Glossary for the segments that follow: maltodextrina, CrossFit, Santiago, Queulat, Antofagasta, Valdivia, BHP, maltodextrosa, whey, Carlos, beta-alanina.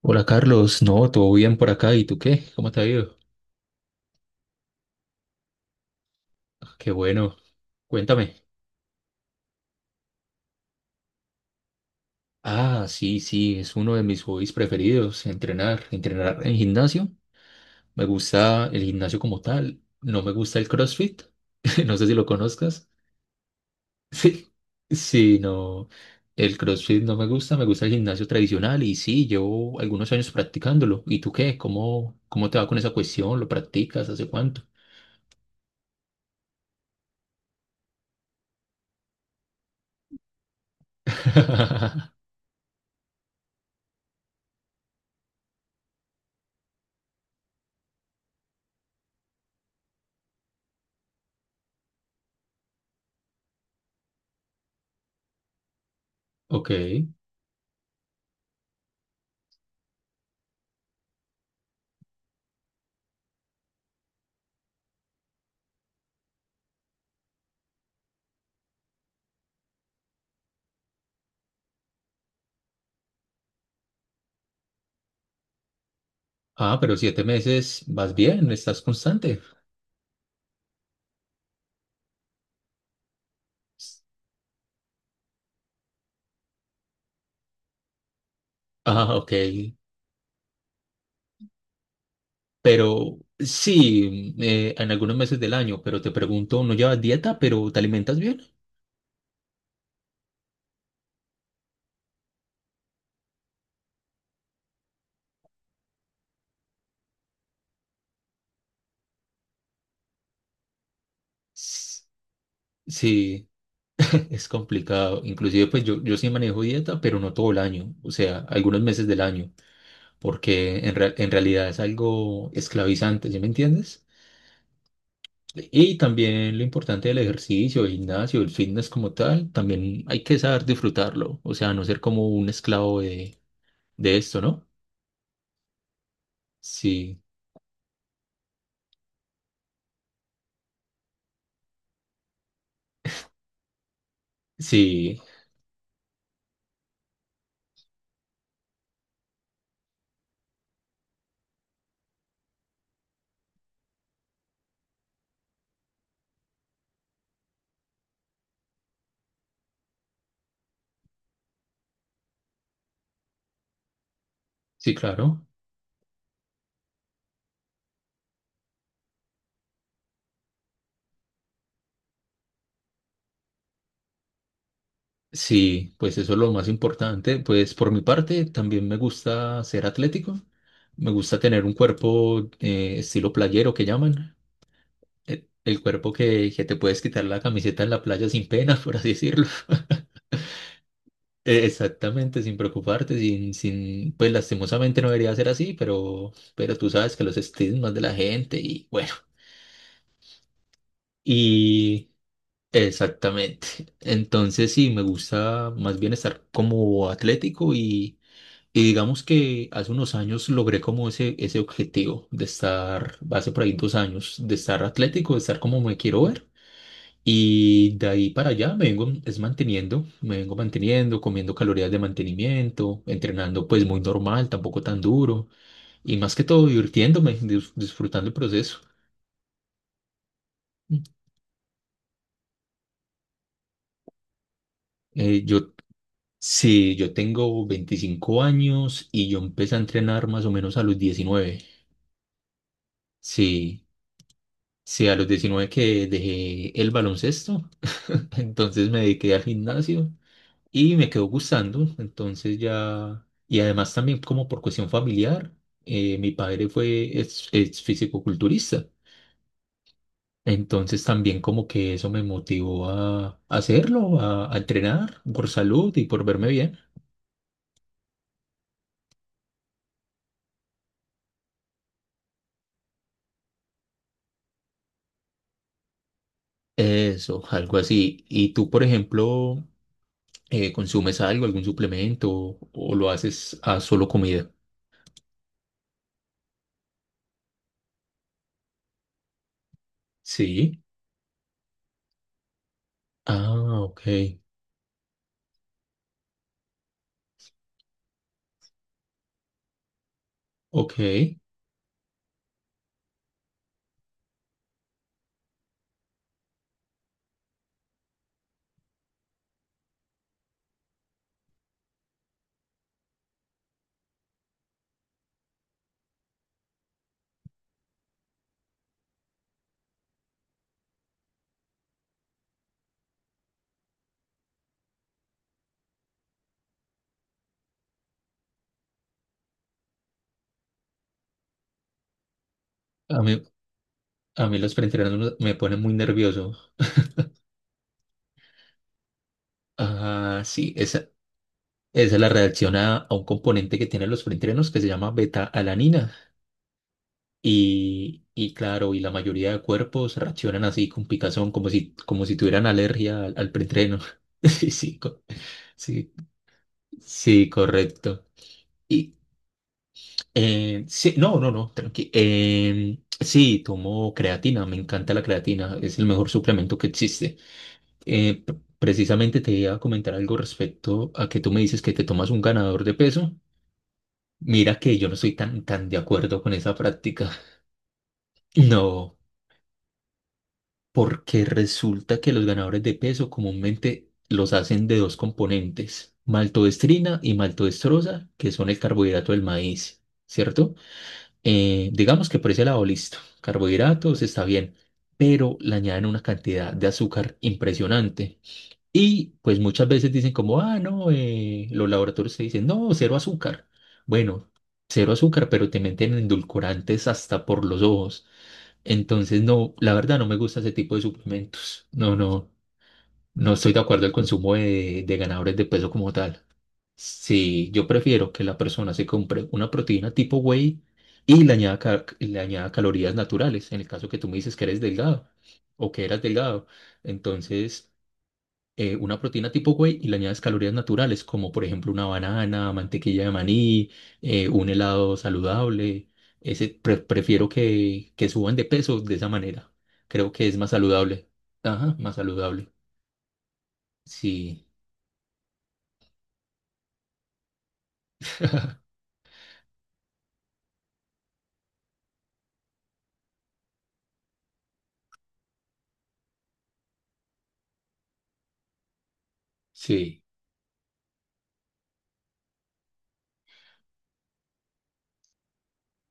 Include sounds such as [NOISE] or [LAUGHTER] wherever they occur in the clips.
Hola Carlos, no, todo bien por acá. ¿Y tú qué? ¿Cómo te ha ido? Ah, qué bueno. Cuéntame. Ah, sí, sí, es uno de mis hobbies preferidos, entrenar, entrenar en gimnasio. Me gusta el gimnasio como tal. No me gusta el CrossFit. [LAUGHS] No sé si lo conozcas. [LAUGHS] Sí, sí, no. El CrossFit no me gusta, me gusta el gimnasio tradicional y sí, llevo algunos años practicándolo. ¿Y tú qué? ¿Cómo te va con esa cuestión? ¿Lo practicas? ¿Hace cuánto? [LAUGHS] Ok. Ah, pero 7 meses vas bien, estás constante. Ah, ok. Pero sí, en algunos meses del año, pero te pregunto, ¿no llevas dieta, pero te alimentas bien? S- Sí, [LAUGHS] es complicado. Inclusive, pues yo sí manejo dieta, pero no todo el año, o sea, algunos meses del año, porque en realidad es algo esclavizante, ¿sí me entiendes? Y también lo importante del ejercicio, el gimnasio, el fitness como tal, también hay que saber disfrutarlo, o sea, no ser como un esclavo de esto, ¿no? Sí, sí, sí, claro. Sí, pues eso es lo más importante. Pues por mi parte, también me gusta ser atlético, me gusta tener un cuerpo, estilo playero que llaman, el cuerpo que te puedes quitar la camiseta en la playa sin pena, [LAUGHS] por así decirlo. Exactamente, sin preocuparte, sin, pues lastimosamente no debería ser así, pero tú sabes que los estigmas de la gente y bueno, y exactamente. Entonces sí, me gusta más bien estar como atlético y digamos que hace unos años logré como ese objetivo de estar, hace por ahí 2 años, de estar atlético, de estar como me quiero ver. Y de ahí para allá me vengo es manteniendo, me vengo manteniendo, comiendo calorías de mantenimiento, entrenando pues muy normal, tampoco tan duro, y más que todo divirtiéndome, disfrutando el proceso. Mm. Eh, yo, sí, yo tengo 25 años y yo empecé a entrenar más o menos a los 19. Sí, sí, a los 19 que dejé el baloncesto, [LAUGHS] entonces me dediqué al gimnasio y me quedó gustando, entonces ya, y además también como por cuestión familiar, mi padre fue ex fisicoculturista, entonces también como que eso me motivó a, hacerlo, a entrenar por salud y por verme bien, eso, algo así. ¿Y tú, por ejemplo, consumes algo, algún suplemento o lo haces a solo comida? Sí. Ah, ok, ok. A mí, a mí los preentrenos me ponen muy nervioso. Ah, sí, esa es la reacción a un componente que tienen los preentrenos que se llama beta-alanina. Y claro, y la mayoría de cuerpos reaccionan así con picazón, como si tuvieran alergia al preentreno. [LAUGHS] Sí, sí, sí, sí, correcto. Y sí, no, no, no, tranqui. Sí, tomo creatina, me encanta la creatina, es el mejor suplemento que existe. Eh, p- Precisamente te iba a comentar algo respecto a que tú me dices que te tomas un ganador de peso. Mira que yo no estoy tan, tan de acuerdo con esa práctica. [LAUGHS] No, porque resulta que los ganadores de peso comúnmente los hacen de dos componentes, maltodextrina y maltodextrosa, que son el carbohidrato del maíz, ¿cierto? Digamos que por ese lado listo, carbohidratos está bien, pero le añaden una cantidad de azúcar impresionante. Y pues muchas veces dicen como, ah, no, los laboratorios te dicen, no, cero azúcar. Bueno, cero azúcar, pero te meten endulcorantes hasta por los ojos. Entonces, no, la verdad no me gusta ese tipo de suplementos. No, no, no estoy de acuerdo al consumo de ganadores de peso como tal. Sí, yo prefiero que la persona se compre una proteína tipo whey y le añada calorías naturales, en el caso que tú me dices que eres delgado o que eras delgado. Entonces una proteína tipo whey y le añades calorías naturales, como por ejemplo una banana, mantequilla de maní, un helado saludable. Prefiero que, suban de peso de esa manera. Creo que es más saludable. Ajá, más saludable. Sí. [LAUGHS] Sí,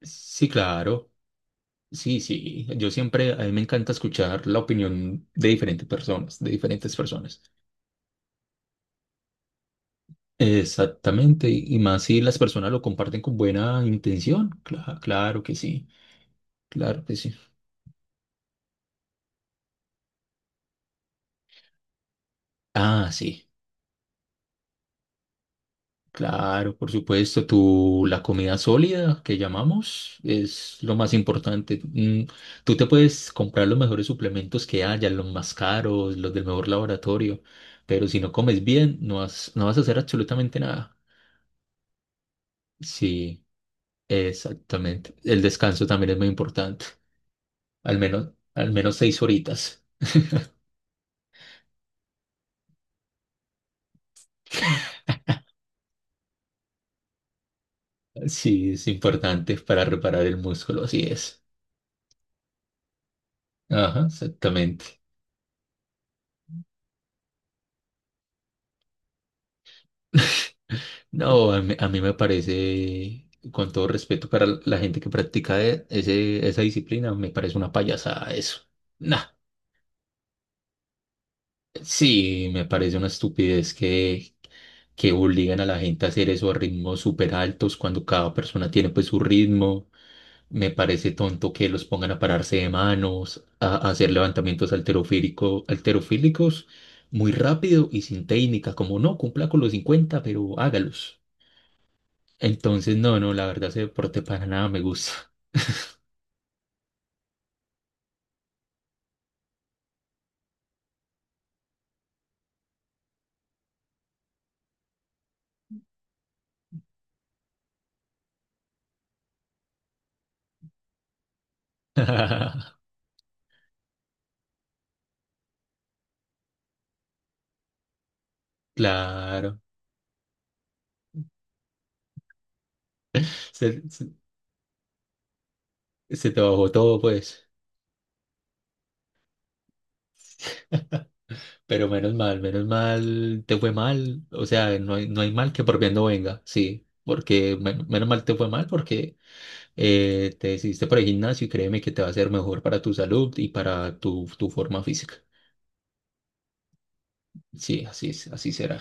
sí, claro. Sí, sí. Yo siempre, a mí me encanta escuchar la opinión de diferentes personas, de diferentes personas. Exactamente. Y más si las personas lo comparten con buena intención. Claro que sí. Claro que sí. Ah, sí, claro, por supuesto. La comida sólida que llamamos es lo más importante. Tú te puedes comprar los mejores suplementos que haya, los más caros, los del mejor laboratorio, pero si no comes bien, no vas a hacer absolutamente nada. Sí, exactamente. El descanso también es muy importante. Al menos, al menos 6 horitas. Sí, es importante para reparar el músculo, así es. Ajá, exactamente. No, a mí me parece, con todo respeto para la gente que practica esa disciplina, me parece una payasada eso. Nah, sí, me parece una estupidez que, obligan a la gente a hacer eso a ritmos súper altos cuando cada persona tiene pues su ritmo. Me parece tonto que los pongan a pararse de manos, a hacer levantamientos alterofílicos muy rápido y sin técnica, como no, cumpla con los 50 pero hágalos. Entonces, no, no, la verdad ese deporte para nada me gusta. [LAUGHS] Claro, se, se- se te bajó todo, pues. Pero menos mal te fue mal. O sea, no hay mal que por bien no venga, sí. Porque menos mal te fue mal porque te decidiste por el gimnasio y créeme que te va a ser mejor para tu salud y para tu forma física. Sí, así será.